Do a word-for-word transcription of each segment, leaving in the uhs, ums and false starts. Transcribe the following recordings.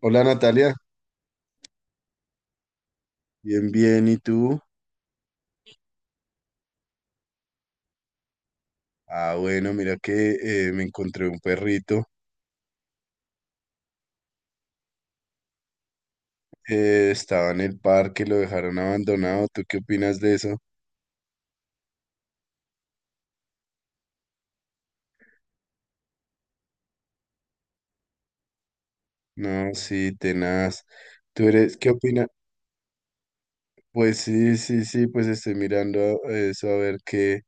Hola Natalia, bien, bien, ¿y tú? Ah, bueno, mira que eh, me encontré un perrito. Eh, estaba en el parque, lo dejaron abandonado. ¿Tú qué opinas de eso? No, sí, tenaz. ¿Tú eres, ¿qué opinas? Pues sí, sí, sí, pues estoy mirando a- eso, a ver qué.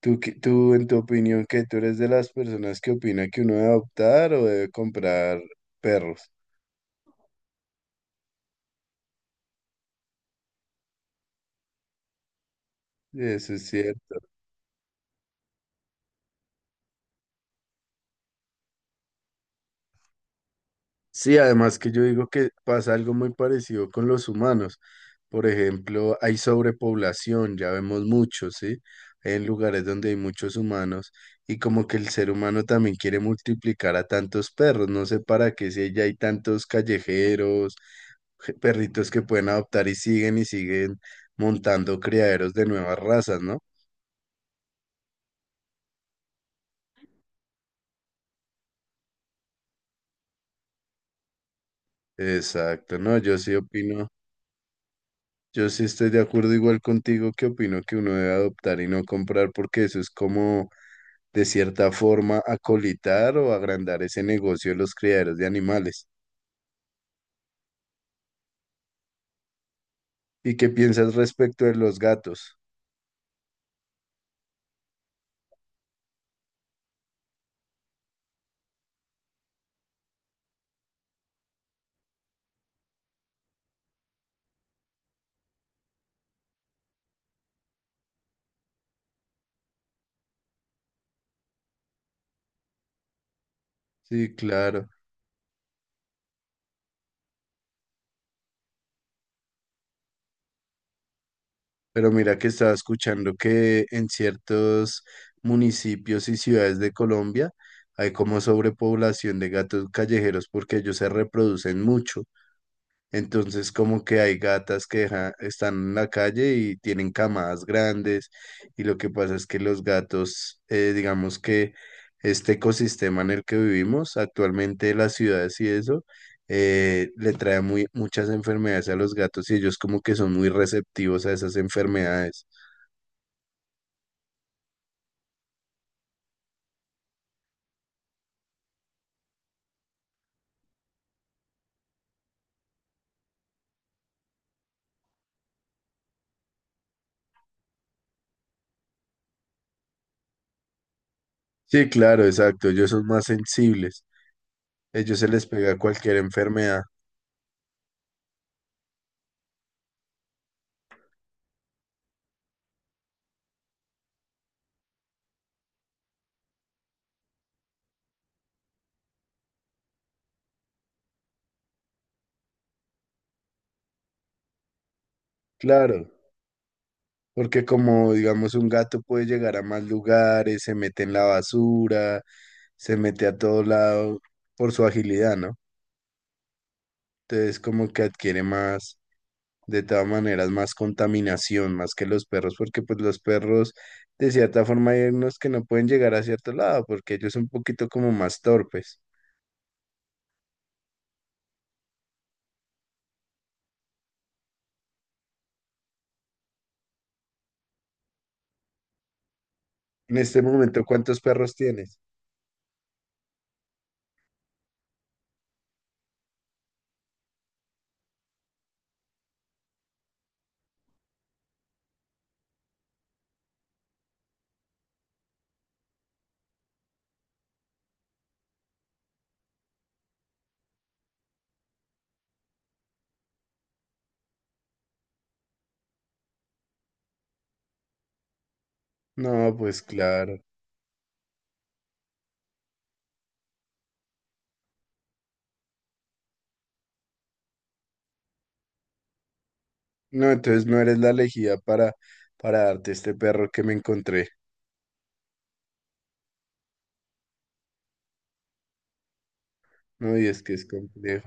Tú, qué- tú en tu opinión, ¿qué? ¿Tú eres de las personas que opina que uno debe adoptar o debe comprar perros? Eso es cierto. Sí, además que yo digo que pasa algo muy parecido con los humanos. Por ejemplo, hay sobrepoblación, ya vemos muchos, ¿sí? En lugares donde hay muchos humanos y como que el ser humano también quiere multiplicar a tantos perros, no sé para qué, si ya hay tantos callejeros, je- perritos que pueden adoptar y siguen y siguen montando criaderos de nuevas razas, ¿no? Exacto, no, yo sí opino. Yo sí estoy de acuerdo igual contigo que opino que uno debe adoptar y no comprar porque eso es como de cierta forma acolitar o agrandar ese negocio de los criaderos de animales. ¿Y qué piensas respecto de los gatos? Sí, claro. Pero mira que estaba escuchando que en ciertos municipios y ciudades de Colombia hay como sobrepoblación de gatos callejeros porque ellos se reproducen mucho. Entonces, como que hay gatas que deja- están en la calle y tienen camadas grandes, y lo que pasa es que los gatos, eh, digamos que este ecosistema en el que vivimos actualmente, las ciudades y eso, eh, le trae muy, muchas enfermedades a los gatos y ellos como que son muy receptivos a esas enfermedades. Sí, claro, exacto, ellos son más sensibles, ellos se les pega cualquier enfermedad. Claro. Porque como digamos un gato puede llegar a más lugares, se mete en la basura, se mete a todo lado por su agilidad, ¿no? Entonces como que adquiere más, de todas maneras, más contaminación, más que los perros, porque pues los perros de cierta forma hay unos que no pueden llegar a cierto lado, porque ellos son un poquito como más torpes. En este momento, ¿cuántos perros tienes? No, pues claro. No, entonces no eres la elegida para, para darte este perro que me encontré. No, y es que es complejo.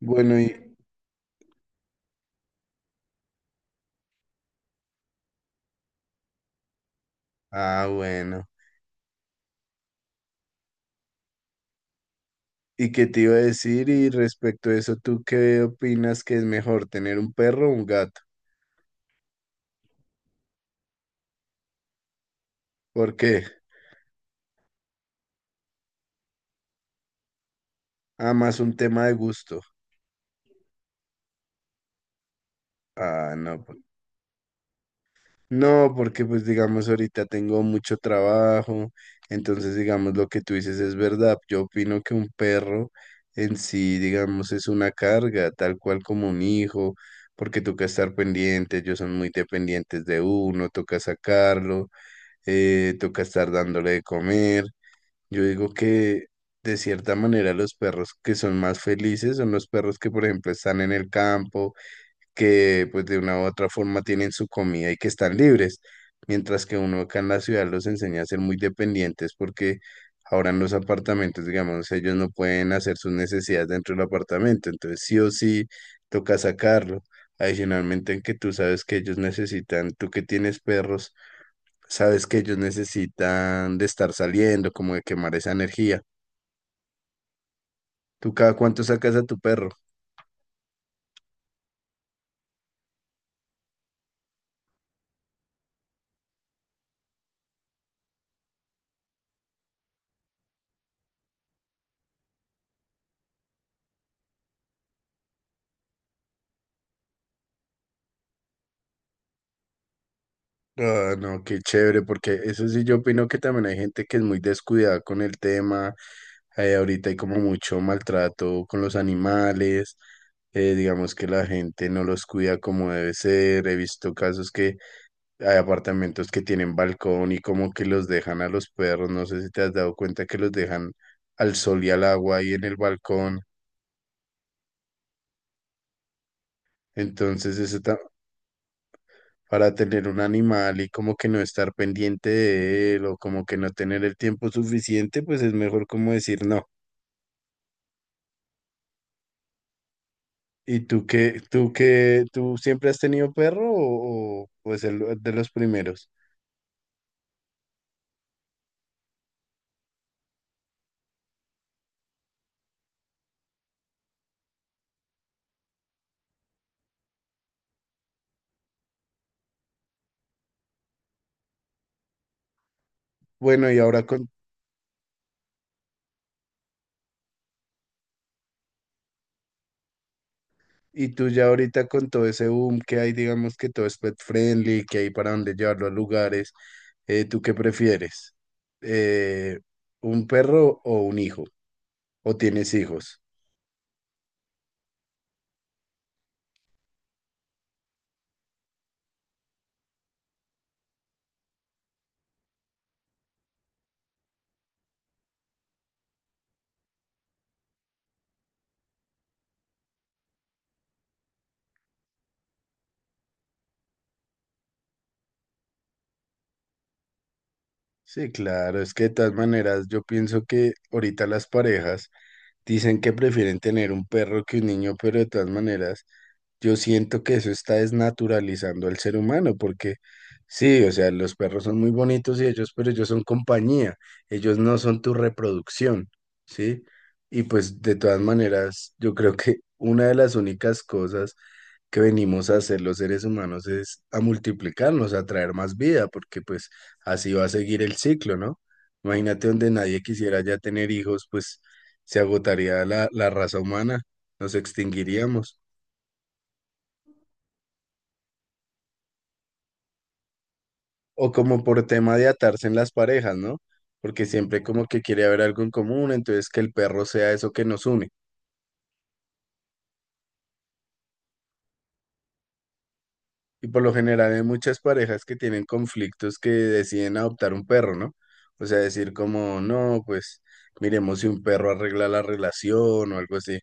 Bueno, y... Ah, bueno. ¿Y qué te iba a decir? Y respecto a eso, ¿tú qué opinas que es mejor, tener un perro o un gato? ¿Por qué? Ah, más un tema de gusto. Ah, no. po- No, porque pues digamos ahorita tengo mucho trabajo, entonces digamos lo que tú dices es verdad. Yo opino que un perro en sí, digamos, es una carga, tal cual como un hijo, porque toca estar pendiente, ellos son muy dependientes de uno, toca sacarlo. Eh, toca estar dándole de comer. Yo digo que de cierta manera los perros que son más felices son los perros que, por ejemplo, están en el campo, que pues de una u otra forma tienen su comida y que están libres, mientras que uno acá en la ciudad los enseña a ser muy dependientes porque ahora en los apartamentos, digamos, ellos no pueden hacer sus necesidades dentro del apartamento, entonces sí o sí toca sacarlo. Adicionalmente en que tú sabes que ellos necesitan, tú que tienes perros, sabes que ellos necesitan de estar saliendo, como de quemar esa energía. ¿Tú cada cuánto sacas a tu perro? Ah, no, qué chévere, porque eso sí yo opino que también hay gente que es muy descuidada con el tema. Eh, ahorita hay como mucho maltrato con los animales. Eh, digamos que la gente no los cuida como debe ser. He visto casos que hay apartamentos que tienen balcón y como que los dejan a los perros. No sé si te has dado cuenta que los dejan al sol y al agua ahí en el balcón. Entonces, eso, ta- para tener un animal y como que no estar pendiente de él o como que no tener el tiempo suficiente, pues es mejor como decir no. ¿Y tú qué, tú qué, tú siempre has tenido perro o, o, pues el de los primeros? Bueno, y ahora con, y tú ya ahorita con todo ese boom que hay, digamos que todo es pet friendly, que hay para dónde llevarlo a lugares, eh, ¿tú qué prefieres? Eh, ¿Un perro o un hijo? ¿O tienes hijos? Sí, claro, es que de todas maneras yo pienso que ahorita las parejas dicen que prefieren tener un perro que un niño, pero de todas maneras yo siento que eso está desnaturalizando al ser humano, porque sí, o sea, los perros son muy bonitos y ellos, pero ellos son compañía, ellos no son tu reproducción, ¿sí? Y pues de todas maneras, yo creo que una de las únicas cosas que venimos a hacer los seres humanos es a multiplicarnos, a traer más vida, porque pues así va a seguir el ciclo, ¿no? Imagínate donde nadie quisiera ya tener hijos, pues se agotaría la, la raza humana, nos extinguiríamos. O como por tema de atarse en las parejas, ¿no? Porque siempre como que quiere haber algo en común, entonces que el perro sea eso que nos une. Y por lo general hay muchas parejas que tienen conflictos que deciden adoptar un perro, ¿no? O sea, decir como, no, pues miremos si un perro arregla la relación o algo así.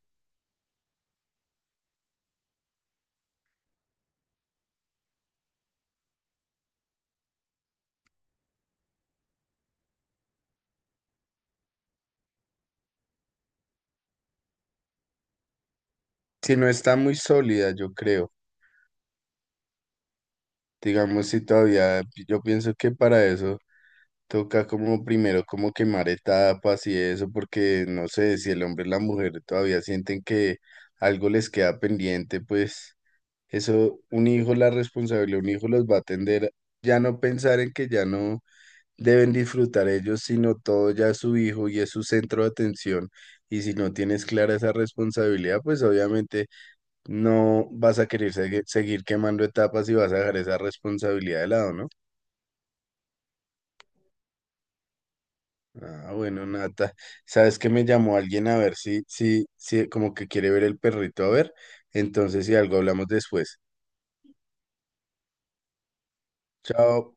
Si no está muy sólida, yo creo. Digamos, si todavía, yo pienso que para eso. Toca como primero como quemar etapas y eso, porque no sé si el hombre y la mujer todavía sienten que algo les queda pendiente, pues eso un hijo, la responsabilidad, un hijo los va a atender, ya no pensar en que ya no deben disfrutar ellos, sino todo ya es su hijo y es su centro de atención. Y si no tienes clara esa responsabilidad, pues obviamente no vas a querer segui- seguir quemando etapas y vas a dejar esa responsabilidad de lado, ¿no? Ah, bueno, Nata, sabes que me llamó alguien a ver si, si, si, como que quiere ver el perrito, a ver. Entonces, si algo hablamos después. Chao.